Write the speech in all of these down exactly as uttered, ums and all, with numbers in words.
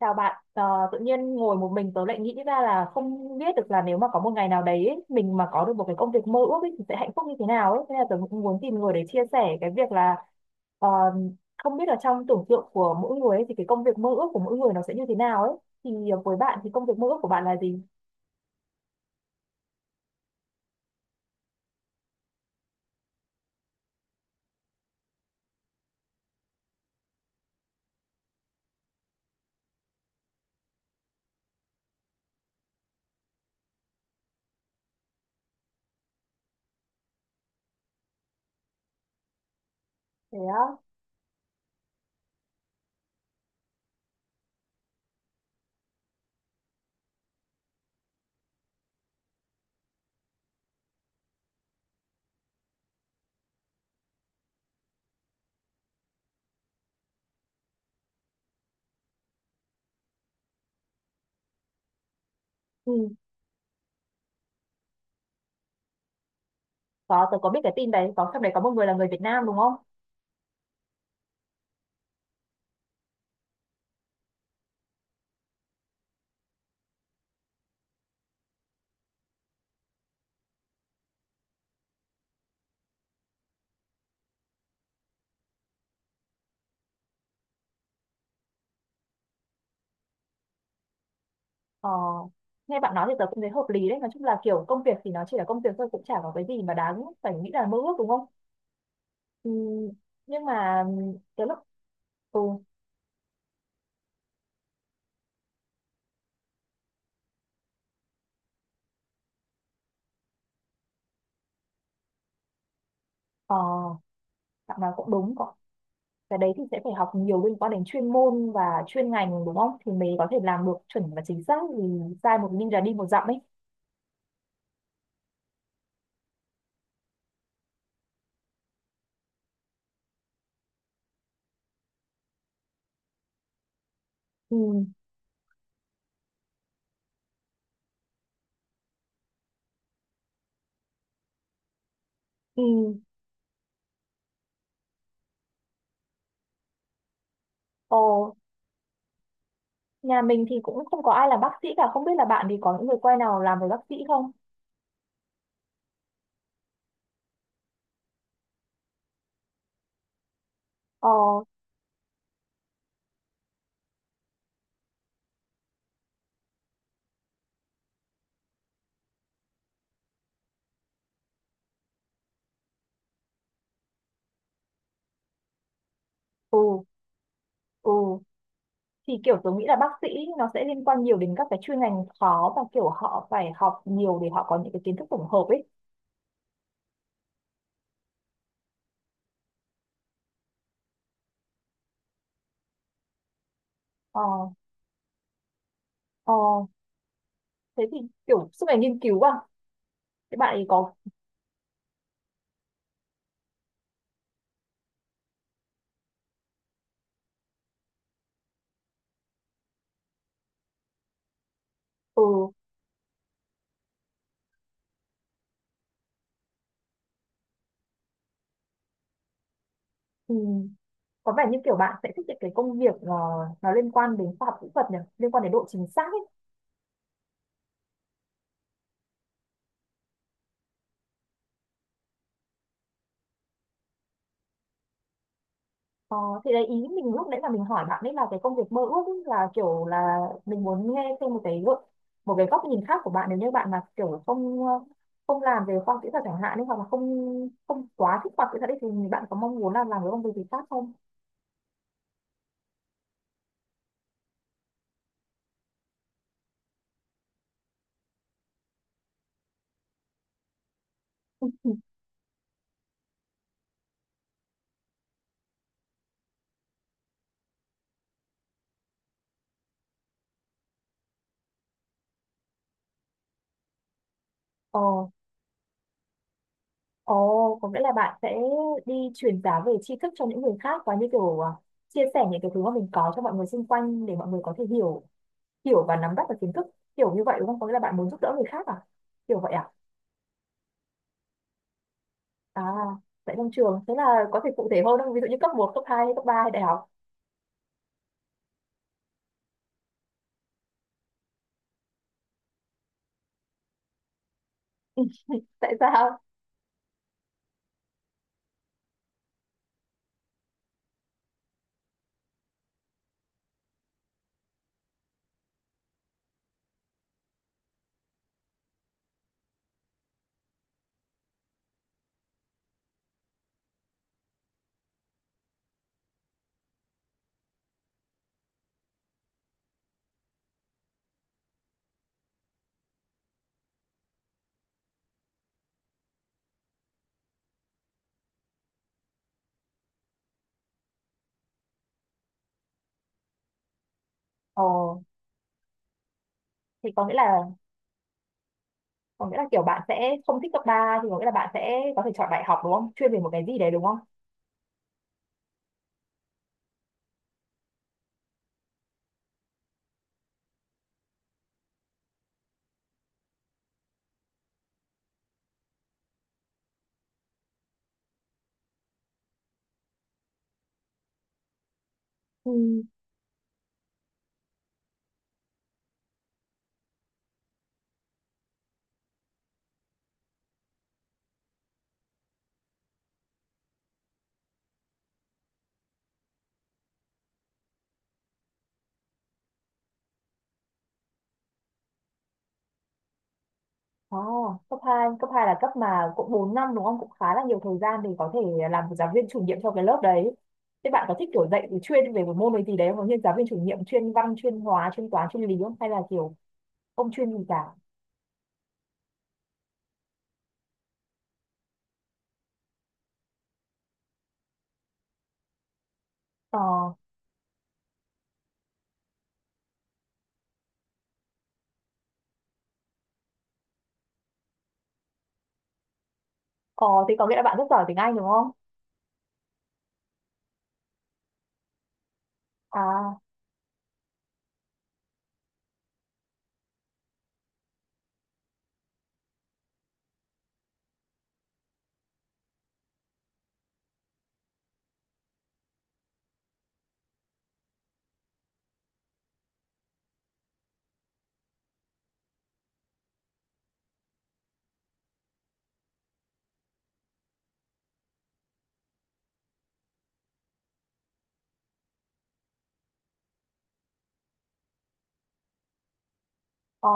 Chào bạn, Ờ, tự nhiên ngồi một mình tớ lại nghĩ ra là không biết được là nếu mà có một ngày nào đấy ấy, mình mà có được một cái công việc mơ ước ấy, thì sẽ hạnh phúc như thế nào ấy. Thế là tớ cũng muốn tìm người để chia sẻ cái việc là ờ, không biết là trong tưởng tượng của mỗi người ấy, thì cái công việc mơ ước của mỗi người nó sẽ như thế nào ấy. Thì với bạn thì công việc mơ ước của bạn là gì? Thế á, ừ, có, tớ có biết cái tin đấy, có trong đấy có một người là người Việt Nam đúng không? Ờ, nghe bạn nói thì tớ cũng thấy hợp lý đấy. Nói chung là kiểu công việc thì nó chỉ là công việc thôi, cũng chả có cái gì mà đáng phải nghĩ là mơ ước đúng không? Ừ, nhưng mà cái lúc ừ, ờ, bạn nào cũng đúng cậu, cái đấy thì sẽ phải học nhiều liên quan đến chuyên môn và chuyên ngành đúng không thì mới có thể làm được chuẩn và chính xác vì sai một linh là đi một dặm ấy. Ừ, ừ. Ồ, nhà mình thì cũng không có ai làm bác sĩ cả, không biết là bạn thì có những người quen nào làm về bác sĩ không? Ờ, ừ, ừ, thì kiểu tôi nghĩ là bác sĩ nó sẽ liên quan nhiều đến các cái chuyên ngành khó và kiểu họ phải học nhiều để họ có những cái kiến thức tổng hợp ấy. Ờ, ờ, thế thì kiểu suốt ngày nghiên cứu à? Thế bạn ấy có, ừ, thì có vẻ như kiểu bạn sẽ thích những cái công việc ờ, nó liên quan đến khoa học kỹ thuật nhỉ, liên quan đến độ chính xác ấy. Ờ, thì đấy ý mình lúc nãy là mình hỏi bạn ấy là cái công việc mơ ước ấy, là kiểu là mình muốn nghe thêm một cái gợi- một cái góc nhìn khác của bạn nếu như bạn mà kiểu không ờ, không làm về khoa học kỹ thuật chẳng hạn ấy, hoặc là không không quá thích khoa học kỹ thuật ấy, thì bạn có mong muốn là làm cái công việc gì khác không? Ờ. Ồ, có nghĩa là bạn sẽ đi truyền giáo về tri thức cho những người khác và như kiểu à, chia sẻ những cái thứ mà mình có cho mọi người xung quanh để mọi người có thể hiểu, hiểu và nắm bắt được kiến thức kiểu như vậy đúng không? Có nghĩa là bạn muốn giúp đỡ người khác à? Kiểu vậy à? À, tại trong trường thế là có thể cụ thể hơn không? Ví dụ như cấp một, cấp hai, cấp ba hay đại học. Tại sao? Ồ, thì có nghĩa là có nghĩa là kiểu bạn sẽ không thích cấp ba, thì có nghĩa là bạn sẽ có thể chọn đại học đúng không? Chuyên về một cái gì đấy đúng không? Ừ. Oh, cấp hai, cấp hai là cấp mà cũng bốn năm đúng không? Cũng khá là nhiều thời gian để có thể làm giáo viên chủ nhiệm cho cái lớp đấy. Thế bạn có thích kiểu dạy thì chuyên về một môn ấy gì đấy không? Như giáo viên chủ nhiệm chuyên văn, chuyên hóa, chuyên toán, chuyên lý không? Hay là kiểu không chuyên gì cả? Ờ, ờ thì có nghĩa là bạn rất giỏi tiếng Anh đúng không? À, ờ,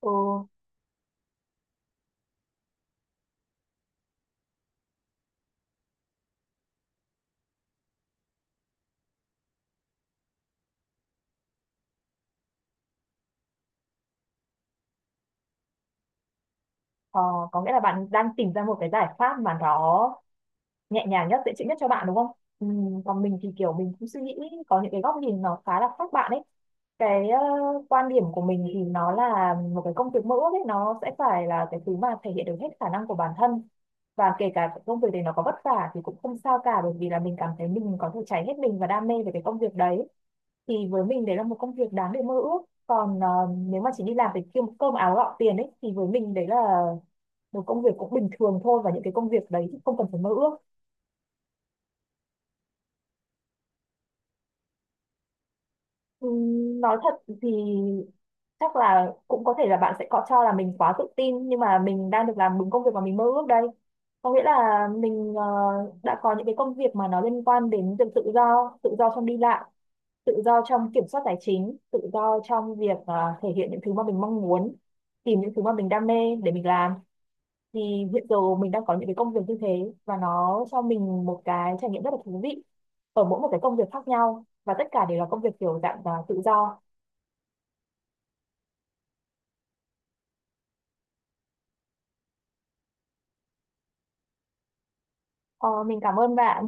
ừ, ờ, có nghĩa là bạn đang tìm ra một cái giải pháp mà nó nhẹ nhàng nhất, dễ chịu nhất cho bạn đúng không? Ừ, còn mình thì kiểu mình cũng suy nghĩ có những cái góc nhìn nó khá là khác bạn ấy. Cái ờ, quan điểm của mình thì nó là một cái công việc mơ ước ấy, nó sẽ phải là cái thứ mà thể hiện được hết khả năng của bản thân, và kể cả cái công việc đấy nó có vất vả thì cũng không sao cả bởi vì là mình cảm thấy mình có thể cháy hết mình và đam mê về cái công việc đấy. Thì với mình đấy là một công việc đáng để mơ ước. Còn ờ, nếu mà chỉ đi làm để kiếm cơm áo gạo tiền ấy thì với mình đấy là một công việc cũng bình thường thôi, và những cái công việc đấy thì không cần phải mơ ước. Ừm, Nói thật thì chắc là cũng có thể là bạn sẽ có cho là mình quá tự tin nhưng mà mình đang được làm đúng công việc mà mình mơ ước đây. Có nghĩa là mình ờ, đã có những cái công việc mà nó liên quan đến việc tự do, tự do trong đi lại, tự do trong kiểm soát tài chính, tự do trong việc ờ, thể hiện những thứ mà mình mong muốn, tìm những thứ mà mình đam mê để mình làm. Thì hiện giờ mình đang có những cái công việc như thế và nó cho mình một cái trải nghiệm rất là thú vị ở mỗi một cái công việc khác nhau, và tất cả đều là công việc kiểu dạng ờ, tự do. Ờ, mình cảm ơn bạn.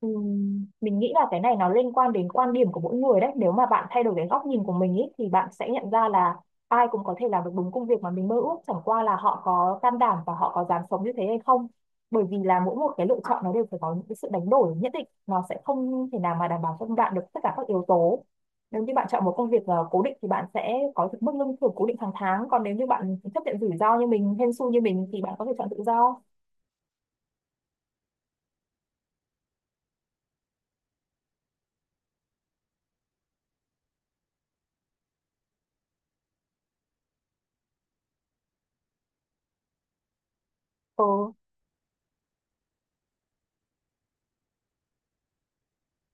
Ừm, mình nghĩ là cái này nó liên quan đến quan điểm của mỗi người đấy. Nếu mà bạn thay đổi cái góc nhìn của mình ý, thì bạn sẽ nhận ra là ai cũng có thể làm được đúng công việc mà mình mơ ước. Chẳng qua là họ có can đảm và họ có dám sống như thế hay không. Bởi vì là mỗi một cái lựa chọn nó đều phải có những cái sự đánh đổi nhất định. Nó sẽ không thể nào mà đảm bảo cho bạn được tất cả các yếu tố. Nếu như bạn chọn một công việc ờ, cố định thì bạn sẽ có được mức lương thưởng cố định hàng tháng. Còn nếu như bạn chấp nhận rủi ro như mình, hên xui như mình thì bạn có thể chọn tự do. Ừ,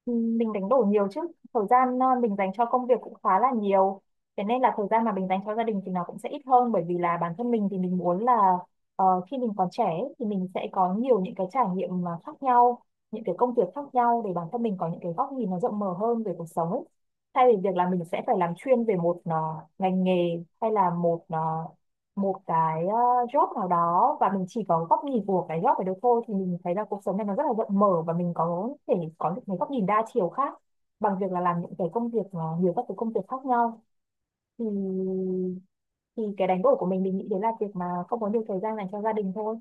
Ừ, mình đánh đổi nhiều chứ. Thời gian ờ, mình dành cho công việc cũng khá là nhiều, thế nên là thời gian mà mình dành cho gia đình thì nó cũng sẽ ít hơn bởi vì là bản thân mình thì mình muốn là ờ, khi mình còn trẻ ấy, thì mình sẽ có nhiều những cái trải nghiệm mà khác nhau, những cái công việc khác nhau để bản thân mình có những cái góc nhìn nó rộng mở hơn về cuộc sống ấy, thay vì việc là mình sẽ phải làm chuyên về một ờ, ngành nghề, hay là một ờ, một cái ờ, job nào đó và mình chỉ có góc nhìn của cái job ấy được thôi. Thì mình thấy là cuộc sống này nó rất là rộng mở và mình có thể có được mấy góc nhìn đa chiều khác bằng việc là làm những cái công việc ờ, nhiều các cái công việc khác nhau. Thì thì cái đánh đổi của mình mình nghĩ đấy là việc mà không có nhiều thời gian dành cho gia đình thôi.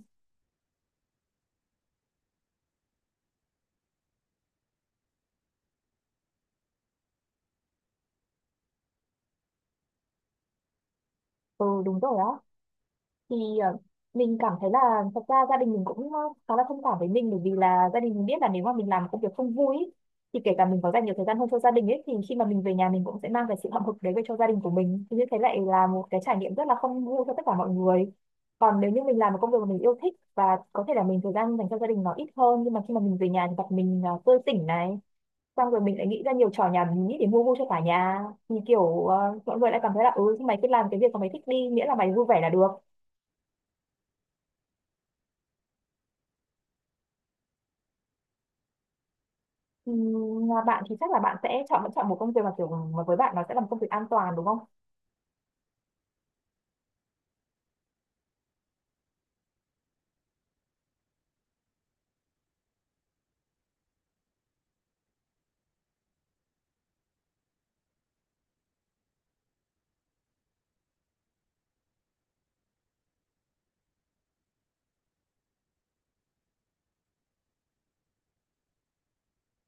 Ừ, đúng rồi á. Thì ờ, mình cảm thấy là thật ra gia đình mình cũng ờ, khá là thông cảm với mình bởi vì là gia đình mình biết là nếu mà mình làm một công việc không vui ý, thì kể cả mình có dành nhiều thời gian hơn cho gia đình ấy thì khi mà mình về nhà mình cũng sẽ mang cái sự hậm hực đấy về cho gia đình của mình, thì như thế lại là một cái trải nghiệm rất là không vui cho tất cả mọi người. Còn nếu như mình làm một công việc mà mình yêu thích và có thể là mình thời gian dành cho gia đình nó ít hơn nhưng mà khi mà mình về nhà thì gặp mình ờ, tươi tỉnh này, xong rồi mình lại nghĩ ra nhiều trò nhảm nhí để mua vui cho cả nhà, thì kiểu ờ, mọi người lại cảm thấy là ừ, mày cứ làm cái việc mà mày thích đi miễn là mày vui vẻ là được. Ừ, mà bạn thì chắc là bạn sẽ chọn vẫn chọn một công việc mà kiểu mà với bạn nó sẽ là một công việc an toàn đúng không?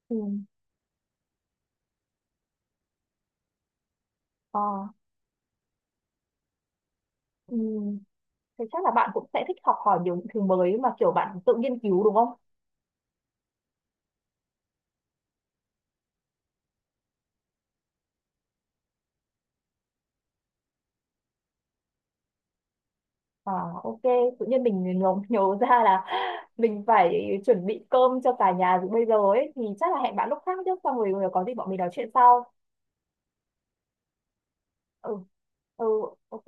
Ừ. Ờ. Ừ. Thì chắc là bạn cũng sẽ thích học hỏi nhiều những thứ mới mà kiểu bạn tự nghiên cứu đúng không? À, ok, tự nhiên mình nhớ, nhớ ra là mình phải chuẩn bị cơm cho cả nhà từ bây giờ ấy thì chắc là hẹn bạn lúc khác chứ, xong rồi có gì bọn mình nói chuyện sau. Ừ. Ừ, ok.